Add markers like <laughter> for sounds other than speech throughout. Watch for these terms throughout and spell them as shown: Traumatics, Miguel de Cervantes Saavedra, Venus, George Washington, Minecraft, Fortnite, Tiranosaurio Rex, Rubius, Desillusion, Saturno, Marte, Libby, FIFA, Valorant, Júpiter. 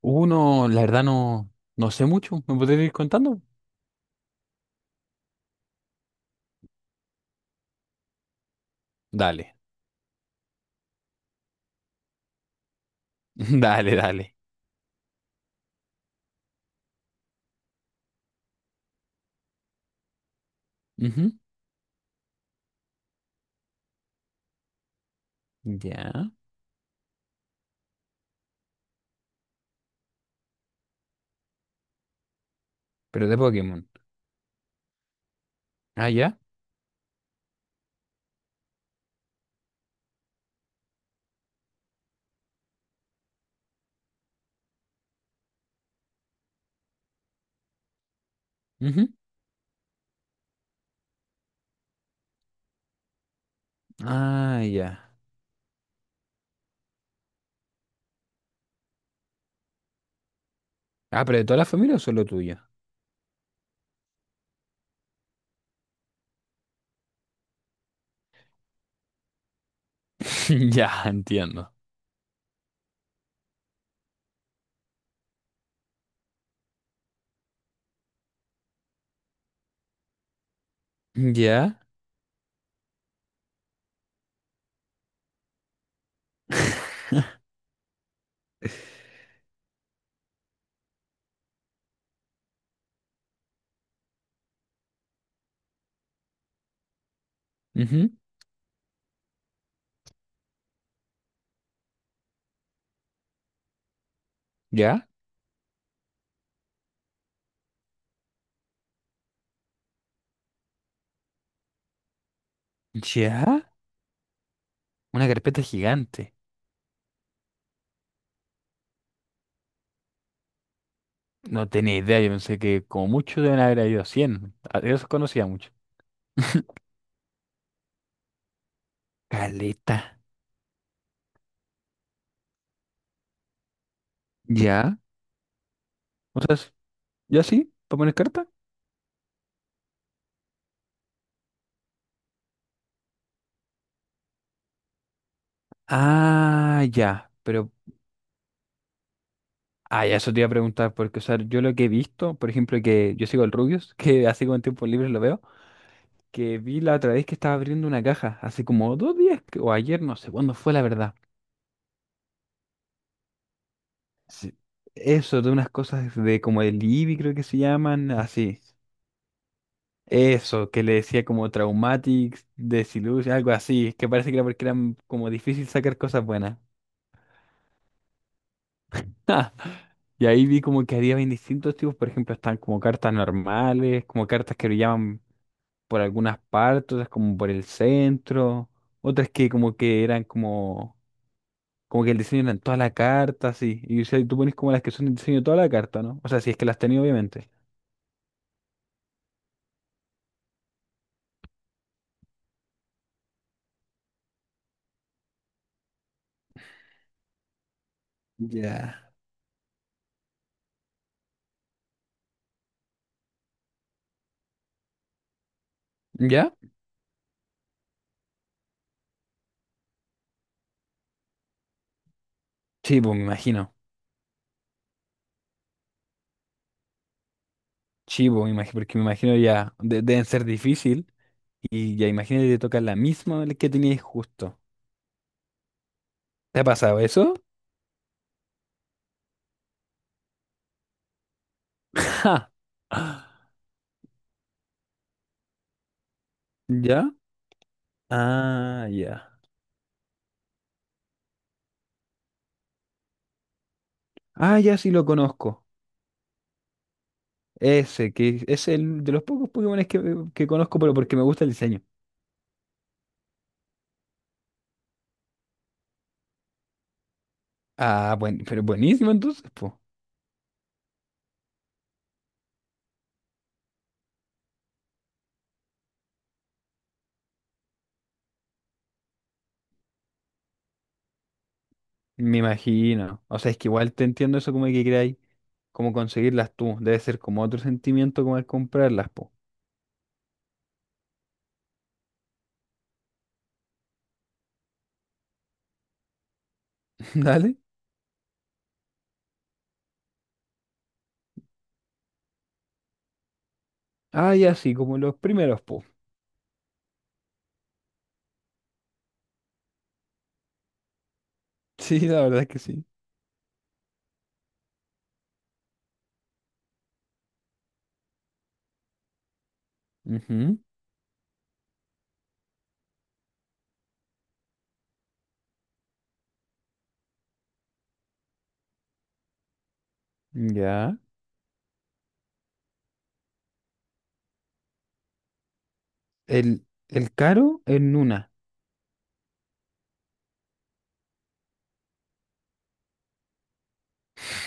Uno, la verdad no, no sé mucho. ¿Me podrías ir contando? Dale, <laughs> dale, dale. Ujú. Ya. Pero de Pokémon. Ah, ya. Ujú. Ah, ya. Ah, ¿pero de toda la familia o solo tuya? <laughs> Ya, entiendo. Ya. Ujú. Ya. Ya. Una carpeta gigante. No tenía idea. Yo pensé que como mucho deben haber habido 100. Yo los conocía mucho. Caleta. Ya. O sea, es- ¿Ya sí? ¿Para poner carta? Ah, ya. Ah, ya, eso te iba a preguntar, porque, o sea, yo lo que he visto, por ejemplo, que yo sigo el Rubius, <laughs> que así con tiempo libre lo veo, que vi la otra vez que estaba abriendo una caja, hace como dos días, o ayer, no sé cuándo fue la verdad. Sí. Eso, de unas cosas de como el Libby, creo que se llaman, así. Eso, que le decía como Traumatics, Desillusion, algo así, que parece que era porque eran como difícil sacar cosas buenas. <laughs> Y ahí vi como que había bien distintos tipos, por ejemplo, están como cartas normales, como cartas que brillaban por algunas partes, otras como por el centro, otras que como que eran como, como que el diseño era en toda la carta, así. Y o sea, tú pones como las que son el diseño de toda la carta, ¿no? O sea, si es que las tenía, obviamente. Ya. ¿Ya? Sí, pues me imagino. Sí, pues me imagino, porque me imagino ya, deben ser difícil. Y ya imagínate te toca la misma que tenías justo. ¿Te ha pasado eso? <laughs> Ja. ¿Ya? Ah, ya. Ah, ya, sí lo conozco. Ese, que es el de los pocos Pokémones que conozco, pero porque me gusta el diseño. Ah, bueno, pero buenísimo entonces, pues. Me imagino. O sea, es que igual te entiendo eso como que queráis, como conseguirlas tú. Debe ser como otro sentimiento como al comprarlas, po. <laughs> ¿Dale? Ah, ya sí, como los primeros, po. <laughs> Sí, la verdad es que sí. Ujú. Ya. El caro en una.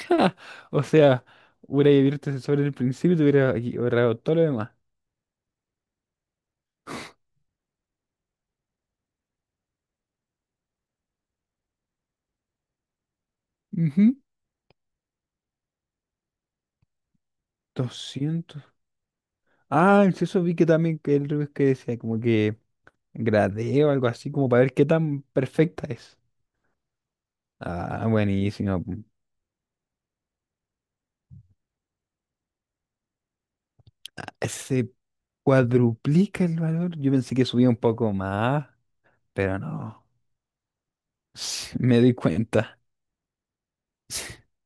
<laughs> O sea, hubiera abierto ese sobre el principio y te hubiera ahorrado todo lo demás. Ujú. 200. Ah, sí, eso vi que también que el review que decía como que gradeo, algo así, como para ver qué tan perfecta es. Ah, buenísimo. Se cuadruplica el valor. Yo pensé que subía un poco más, pero no. <laughs> Sí, me di cuenta. <laughs>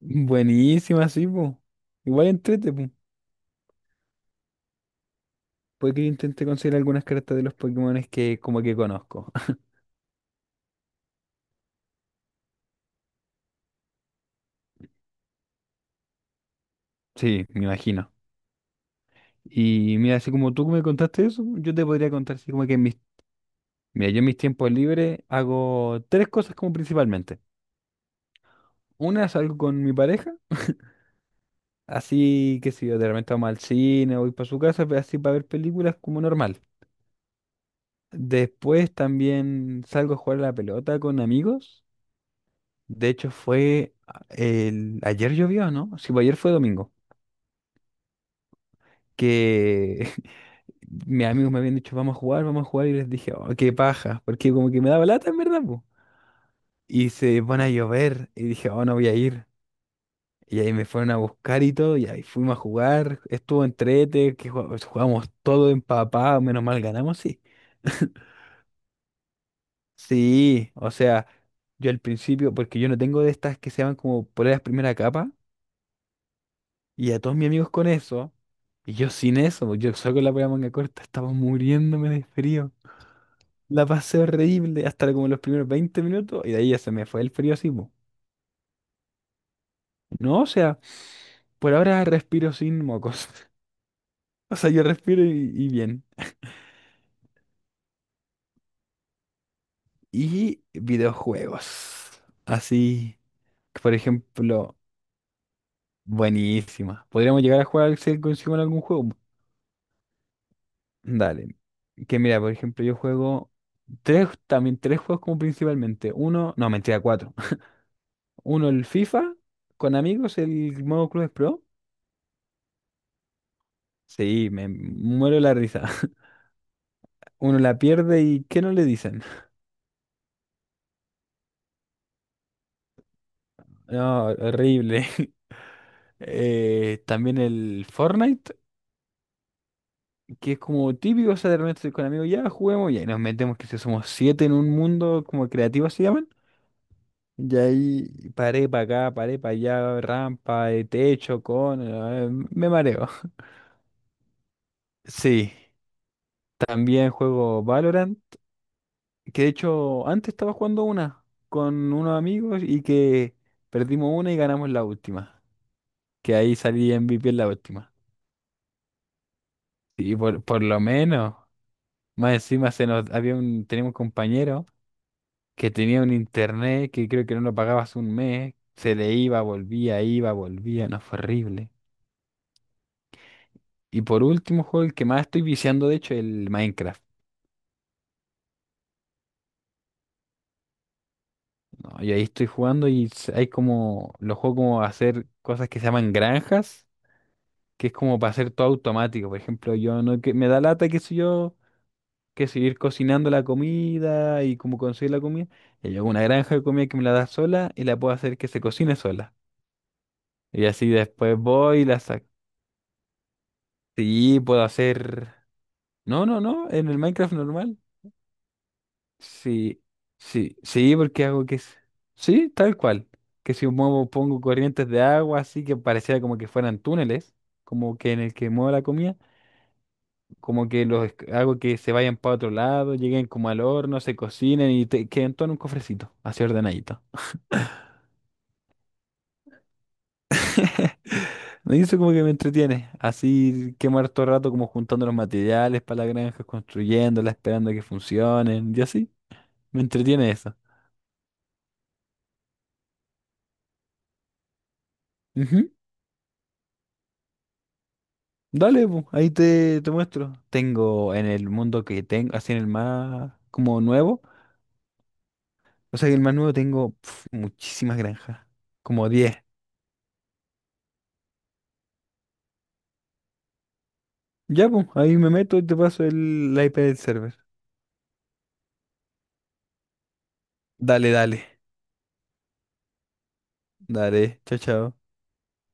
Buenísima, sí, po. Igual entrete, po. Puede que yo intente conseguir algunas cartas de los Pokémones que como que conozco. <laughs> Sí, me imagino. Y mira, así como tú me contaste eso, yo te podría contar así como que mis... Mira, yo en mis tiempos libres hago tres cosas como principalmente. Una, salgo con mi pareja, así que si yo de repente vamos al cine o voy para su casa, así para ver películas como normal. Después también salgo a jugar a la pelota con amigos. De hecho fue ayer llovió, ¿no? Sí, pues ayer fue domingo. Que <laughs> mis amigos me habían dicho, vamos a jugar, y les dije, oh, qué paja, porque como que me daba lata en verdad, po. Y se pone a llover, y dije, oh, no voy a ir. Y ahí me fueron a buscar y todo, y ahí fuimos a jugar. Estuvo entrete, que jugamos, jugamos todo empapado, menos mal ganamos, sí. <laughs> Sí, o sea, yo al principio, porque yo no tengo de estas que se llaman como poleras primera capa, y a todos mis amigos con eso, y yo sin eso, pues, yo solo con la polera manga corta, estaba muriéndome de frío. La pasé horrible hasta como los primeros 20 minutos, y de ahí ya se me fue el frío así, po. No, o sea, por ahora respiro sin mocos. <laughs> O sea, yo respiro y bien. Y videojuegos. Así, por ejemplo, buenísima. Podríamos llegar a jugar al Cell consigo en algún juego. Dale. Que mira, por ejemplo, yo juego también tres juegos como principalmente. Uno, no, mentira, cuatro. <laughs> Uno, el FIFA, con amigos, el modo Clubes Pro. Sí, me muero la risa. <laughs> Uno la pierde y ¿qué no le dicen? <laughs> No, horrible. <laughs> También el Fortnite. Que es como típico, o sea, de repente estoy con amigos, ya juguemos, ya, y nos metemos, que si somos siete en un mundo como creativo se llaman, y ahí paré para acá, paré para allá, rampa, techo, me mareo. <laughs> Sí, también juego Valorant, que de hecho antes estaba jugando una con unos amigos y que perdimos una y ganamos la última, que ahí salí MVP en la última. Y por lo menos, más encima se nos, había un, tenemos un compañero que tenía un internet que creo que no lo pagabas un mes, se le iba, volvía, no fue horrible. Y por último, juego el que más estoy viciando, de hecho, el Minecraft. ¿No? Y ahí estoy jugando y hay como, los juegos como hacer cosas que se llaman granjas, que es como para hacer todo automático. Por ejemplo, yo no, que me da lata, que soy yo, que seguir cocinando la comida y como conseguir la comida. Y yo hago una granja de comida que me la da sola y la puedo hacer que se cocine sola. Y así después voy y la saco. Sí, puedo hacer. No, no, no, en el Minecraft normal. Sí, sí, sí, porque hago que es. Sí, tal cual. Que si muevo, pongo corrientes de agua, así que pareciera como que fueran túneles, como que en el que muevo la comida, como que hago que se vayan para otro lado, lleguen como al horno, se cocinen y queden todo en un cofrecito, así ordenadito. <laughs> Me hizo como que me entretiene, así quemar todo el rato como juntando los materiales para la granja, construyéndola, esperando a que funcionen, y así, me entretiene eso. Dale, po, ahí te muestro. Tengo en el mundo que tengo, así en el más como nuevo, o sea, en el más nuevo tengo pf, muchísimas granjas, como 10. Ya, pues, ahí me meto y te paso la IP del server. Dale, dale, dale, chao, chao.